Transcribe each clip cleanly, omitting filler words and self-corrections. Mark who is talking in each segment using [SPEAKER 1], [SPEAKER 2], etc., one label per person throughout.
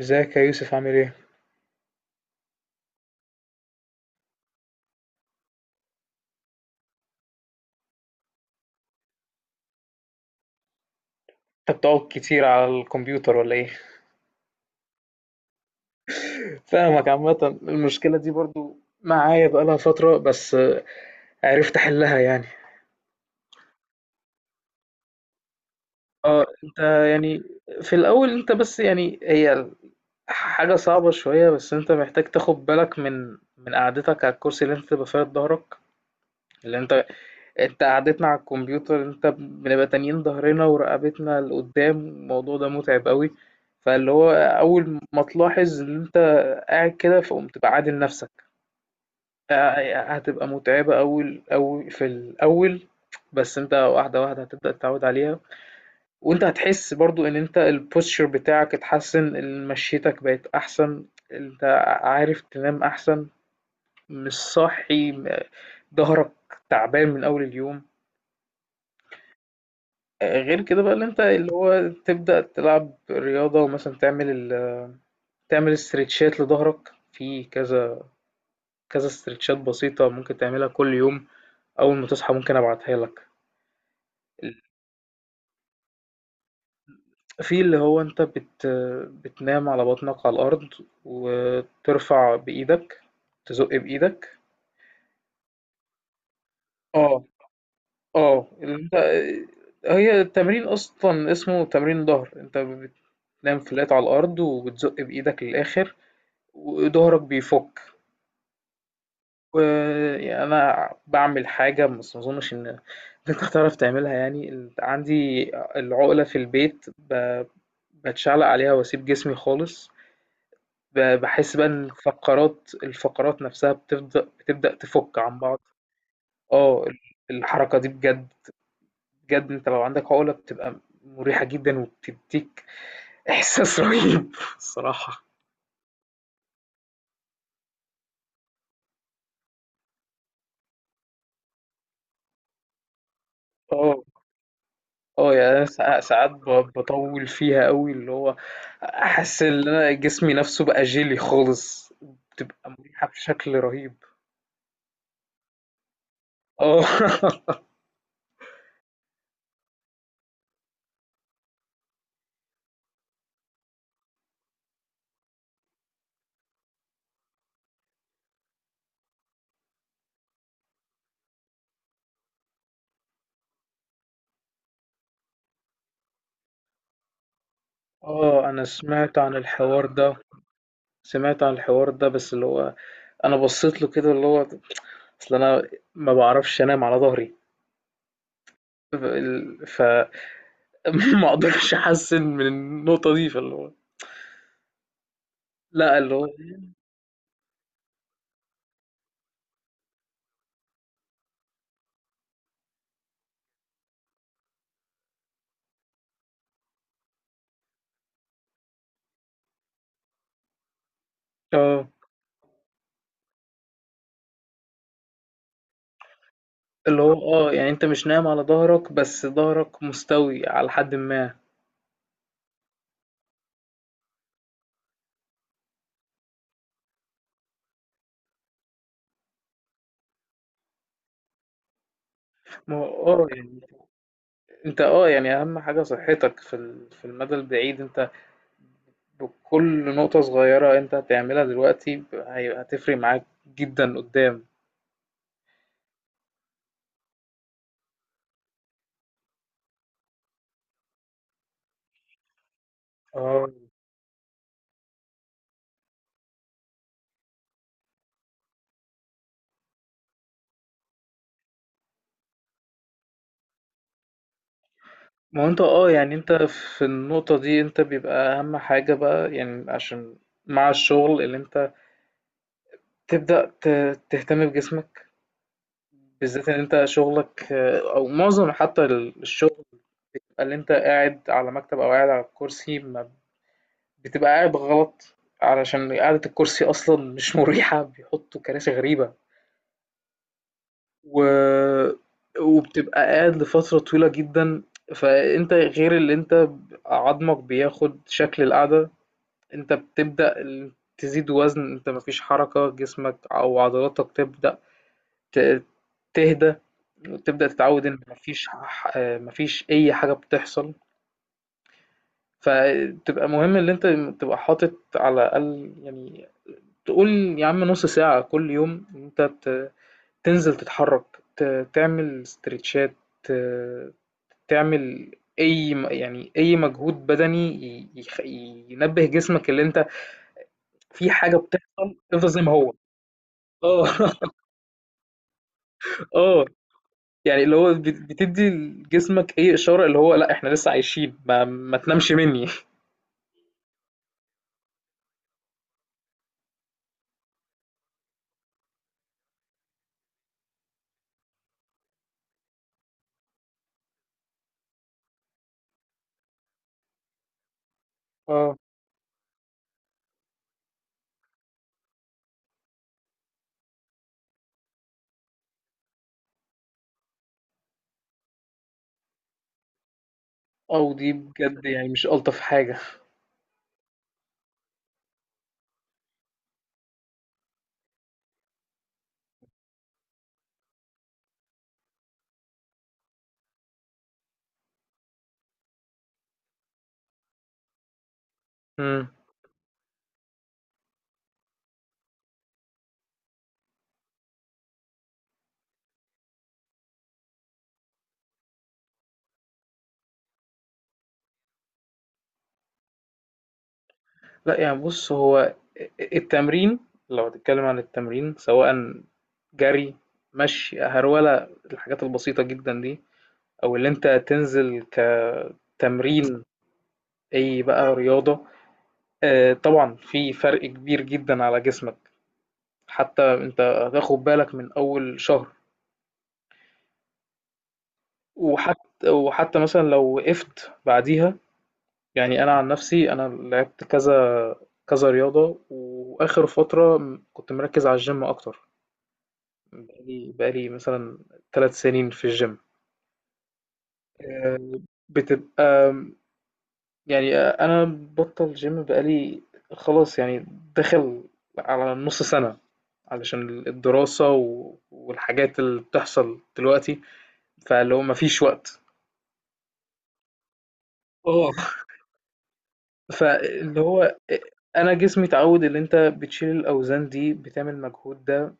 [SPEAKER 1] ازيك يا يوسف، عامل ايه؟ انت بتقعد كتير على الكمبيوتر ولا ايه؟ فاهمك، عامة المشكلة دي برضو معايا بقالها فترة، بس عرفت احلها يعني. اه، انت يعني في الاول، انت بس يعني هي حاجة صعبة شوية، بس انت محتاج تاخد بالك من قعدتك على الكرسي اللي انت تبقى فيها ظهرك، اللي انت قعدتنا على الكمبيوتر، انت بنبقى تانيين ظهرنا ورقبتنا لقدام، الموضوع ده متعب قوي. فاللي هو اول ما تلاحظ ان انت قاعد كده، فقوم تبقى عادل نفسك. هتبقى متعبة، اول اول في الاول، بس انت واحدة واحدة هتبدأ تتعود عليها، وانت هتحس برضو ان انت البوستشر بتاعك اتحسن، مشيتك بقت احسن، انت عارف تنام احسن، مش صاحي ظهرك تعبان من اول اليوم. غير كده بقى اللي انت اللي هو تبدأ تلعب رياضة، ومثلا تعمل تعمل استرتشات لظهرك في كذا كذا، استرتشات بسيطة ممكن تعملها كل يوم، أول ما تصحى ممكن أبعتها لك. في اللي هو انت بتنام على بطنك على الأرض، وترفع بإيدك، تزق بإيدك. اه. اه، اللي انت هي التمرين أصلا، اسمه تمرين ظهر، انت بتنام فلات على الأرض، وبتزق بإيدك للآخر، وظهرك بيفك. وأنا باعمل حاجة، بس ما أظنش إن أنت هتعرف تعملها يعني، عندي العقلة في البيت، بتشعلق عليها وأسيب جسمي خالص، بحس بقى إن الفقرات نفسها بتبدأ تفك عن بعض. اه ال- الحركة دي بجد، بجد أنت لو عندك عقلة بتبقى مريحة جدا، وبتديك إحساس رهيب الصراحة. اه اه يعني أنا ساعات بطول فيها قوي، اللي هو احس ان انا جسمي نفسه بقى جيلي خالص، بتبقى مريحة بشكل رهيب. اه اه، انا سمعت عن الحوار ده سمعت عن الحوار ده، بس اللي هو انا بصيت له كده، اللي هو اصل انا ما بعرفش انام على ظهري، فما اقدرش احسن من النقطة دي. فاللي هو لا، اللي هو اه، اللي هو اه يعني انت مش نايم على ظهرك، بس ظهرك مستوي على حد ما. ما هو اه يعني انت اه يعني اهم حاجة صحتك في في المدى البعيد، انت بكل نقطة صغيرة انت هتعملها دلوقتي، هتفرق معاك جدا قدام. اه، ما هو انت اه يعني انت في النقطة دي انت بيبقى اهم حاجة بقى يعني، عشان مع الشغل اللي انت تبدأ تهتم بجسمك، بالذات ان انت شغلك آه، او معظم حتى الشغل اللي انت قاعد على مكتب او قاعد على كرسي، بتبقى قاعد غلط، علشان قعدة الكرسي أصلا مش مريحة، بيحطوا كراسي غريبة، و... وبتبقى قاعد لفترة طويلة جدا. فأنت غير اللي أنت عظمك بياخد شكل القعدة، أنت بتبدأ تزيد وزن، أنت مفيش حركة، جسمك أو عضلاتك تبدأ ت- تهدى، وتبدأ تتعود إن مفيش مفيش أي حاجة بتحصل. فتبقى مهم إن أنت تبقى حاطط على الأقل يعني، تقول يا عم نص ساعة كل يوم إن انت ت- تنزل تتحرك، تعمل استرتشات، ت- تعمل اي يعني اي مجهود بدني ينبه جسمك، اللي انت في حاجة بتحصل تفضل زي ما هو. اه اه يعني اللي هو بتدي لجسمك اي اشارة اللي هو لا احنا لسه عايشين، ما تنامش مني. اه، او دي بجد يعني مش الطف حاجة. مم. لأ يعني بُص، هو التمرين، لو هتتكلم عن التمرين سواءً جري، مشي، هرولة، الحاجات البسيطة جدًا دي، أو اللي أنت تنزل كتمرين، أي بقى رياضة، طبعًا في فرق كبير جدًا على جسمك، حتى أنت هتاخد بالك من أول شهر، وحت وحتى مثلًا لو وقفت بعديها. يعني أنا عن نفسي أنا لعبت كذا كذا رياضة، وآخر فترة م كنت مركّز على الGym أكتر. بقالي مثلًا 3 سنين في الgym. آآ بتبقى يعني آه، أنا مبطّل gym بقالي خلاص يعني، داخل على نُص سَنة، علشان الدراسة و والحاجات اللي بتحصل دلوقتي، فاللي هو ما فيش وقت. آه، فاللي هو أ أنا جسمي اتعوّد اللي أنت بتشيل الأوزان دي، بتعمل المجهود ده،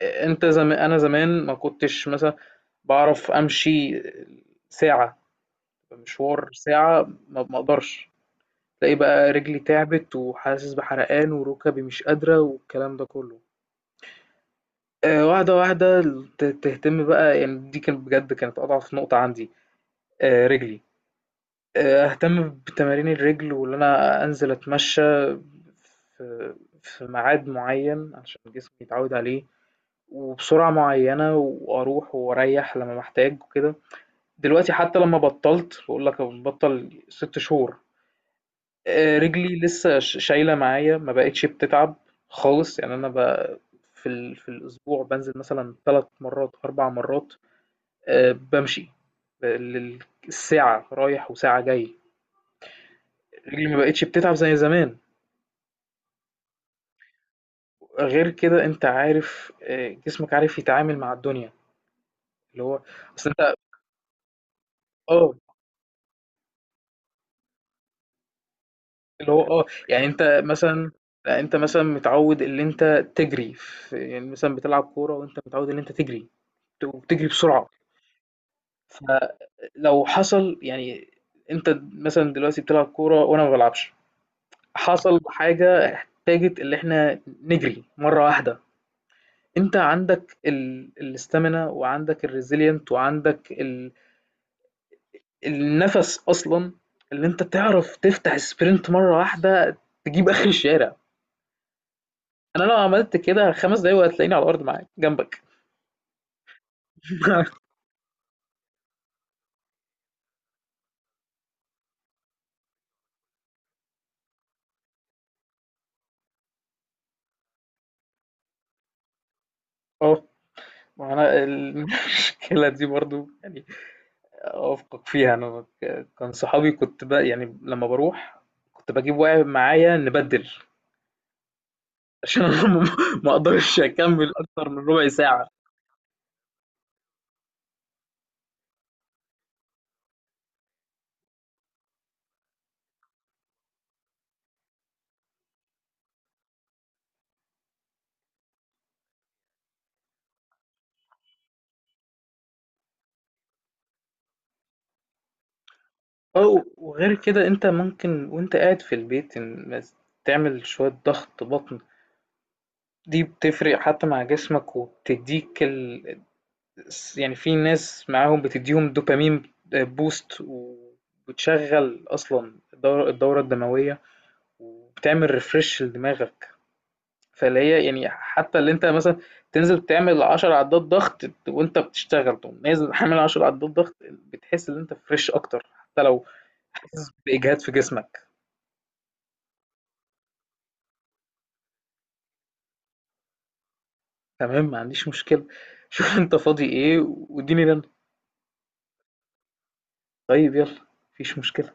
[SPEAKER 1] فأنت أنا زمان ما كنتش مثلًا باعرف أمشي ساعة. فمشوار ساعة ما اقدرش، تلاقي بقى رجلي تعبت، وحاسس بحرقان، وركبي مش قادرة، والكلام ده كله. آه، واحدة واحدة تهتم بقى يعني، دي كانت بجد كانت أضعف نقطة عندي، آه، رجلي. آه، أهتم بتمارين الرجل، وإن أنا أنزل أتمشى في في ميعاد معين عشان جسمي يتعود عليه، وبسرعة معينة، وأروح وأريح لما محتاج وكده. دلوقتي حتى لما بطلت، بقول لك بطل 6 شهور، آه، رجلي لسه شايله معايا، ما بقتش بتتعب خالص يعني، انا في في الاسبوع بنزل مثلا 3 مرات 4 مرات، آه، بمشي، ب- لل- الساعه رايح وساعه جاي. رجلي ما بقتش بتتعب زي زمان، غير كده انت عارف آه، جسمك عارف يتعامل مع الدنيا اللي هو اصل انت. اه، اللي هو اه يعني انت مثلا، لا انت مثلا متعود ان انت تجري في، يعني مثلا بتلعب كوره وانت متعود ان انت تجري، وبتجري بسرعه. لو حصل يعني، أنت مثلًا دلوقتي بتلعب كورة وأنا ما بالعبش، حصل حاجة فاجت اللي إحنا نجري مرّة واحدة، أنت عندك ال الstamina وعندك الresilient وعندك النَفَس أصلًا، اللي أنت تعرف تفتح sprint مرّة واحدة تجيب آخر الشارع، أنا لو عملت كده 5 دقايق وهتلاقيني على الأرض معاك جنبك. آه، ما أنا المشكلة دي برضه يعني أوافقك فيها، أنا كان صحابي، كنت بقى يعني لما بروح كنت بجيب واحد معايا نبدل، عشان أنا ما أقدرش أكمل أكتر من ربع ساعة. أو وغير كده أنت ممكن وأنت قاعد في البيت بس تعمل شوية ضغط بطن، دي بتفرق حتى مع جسمك، وبتديك يعني في ناس معاهم بتديهم دوبامين بوست، وبتشغل أصلا الدورة الدموية، وبتعمل ريفرش لدماغك. فاللي هي يعني حتى اللي انت مثلا تنزل تعمل 10 عدات ضغط، وانت بتشتغل تقوم نازل حامل 10 عدات ضغط، بتحس ان انت فريش اكتر، حتى لو حاسس باجهاد في جسمك. تمام، ما عنديش مشكله، شوف انت فاضي ايه واديني رن. طيب يلا، مفيش مشكله.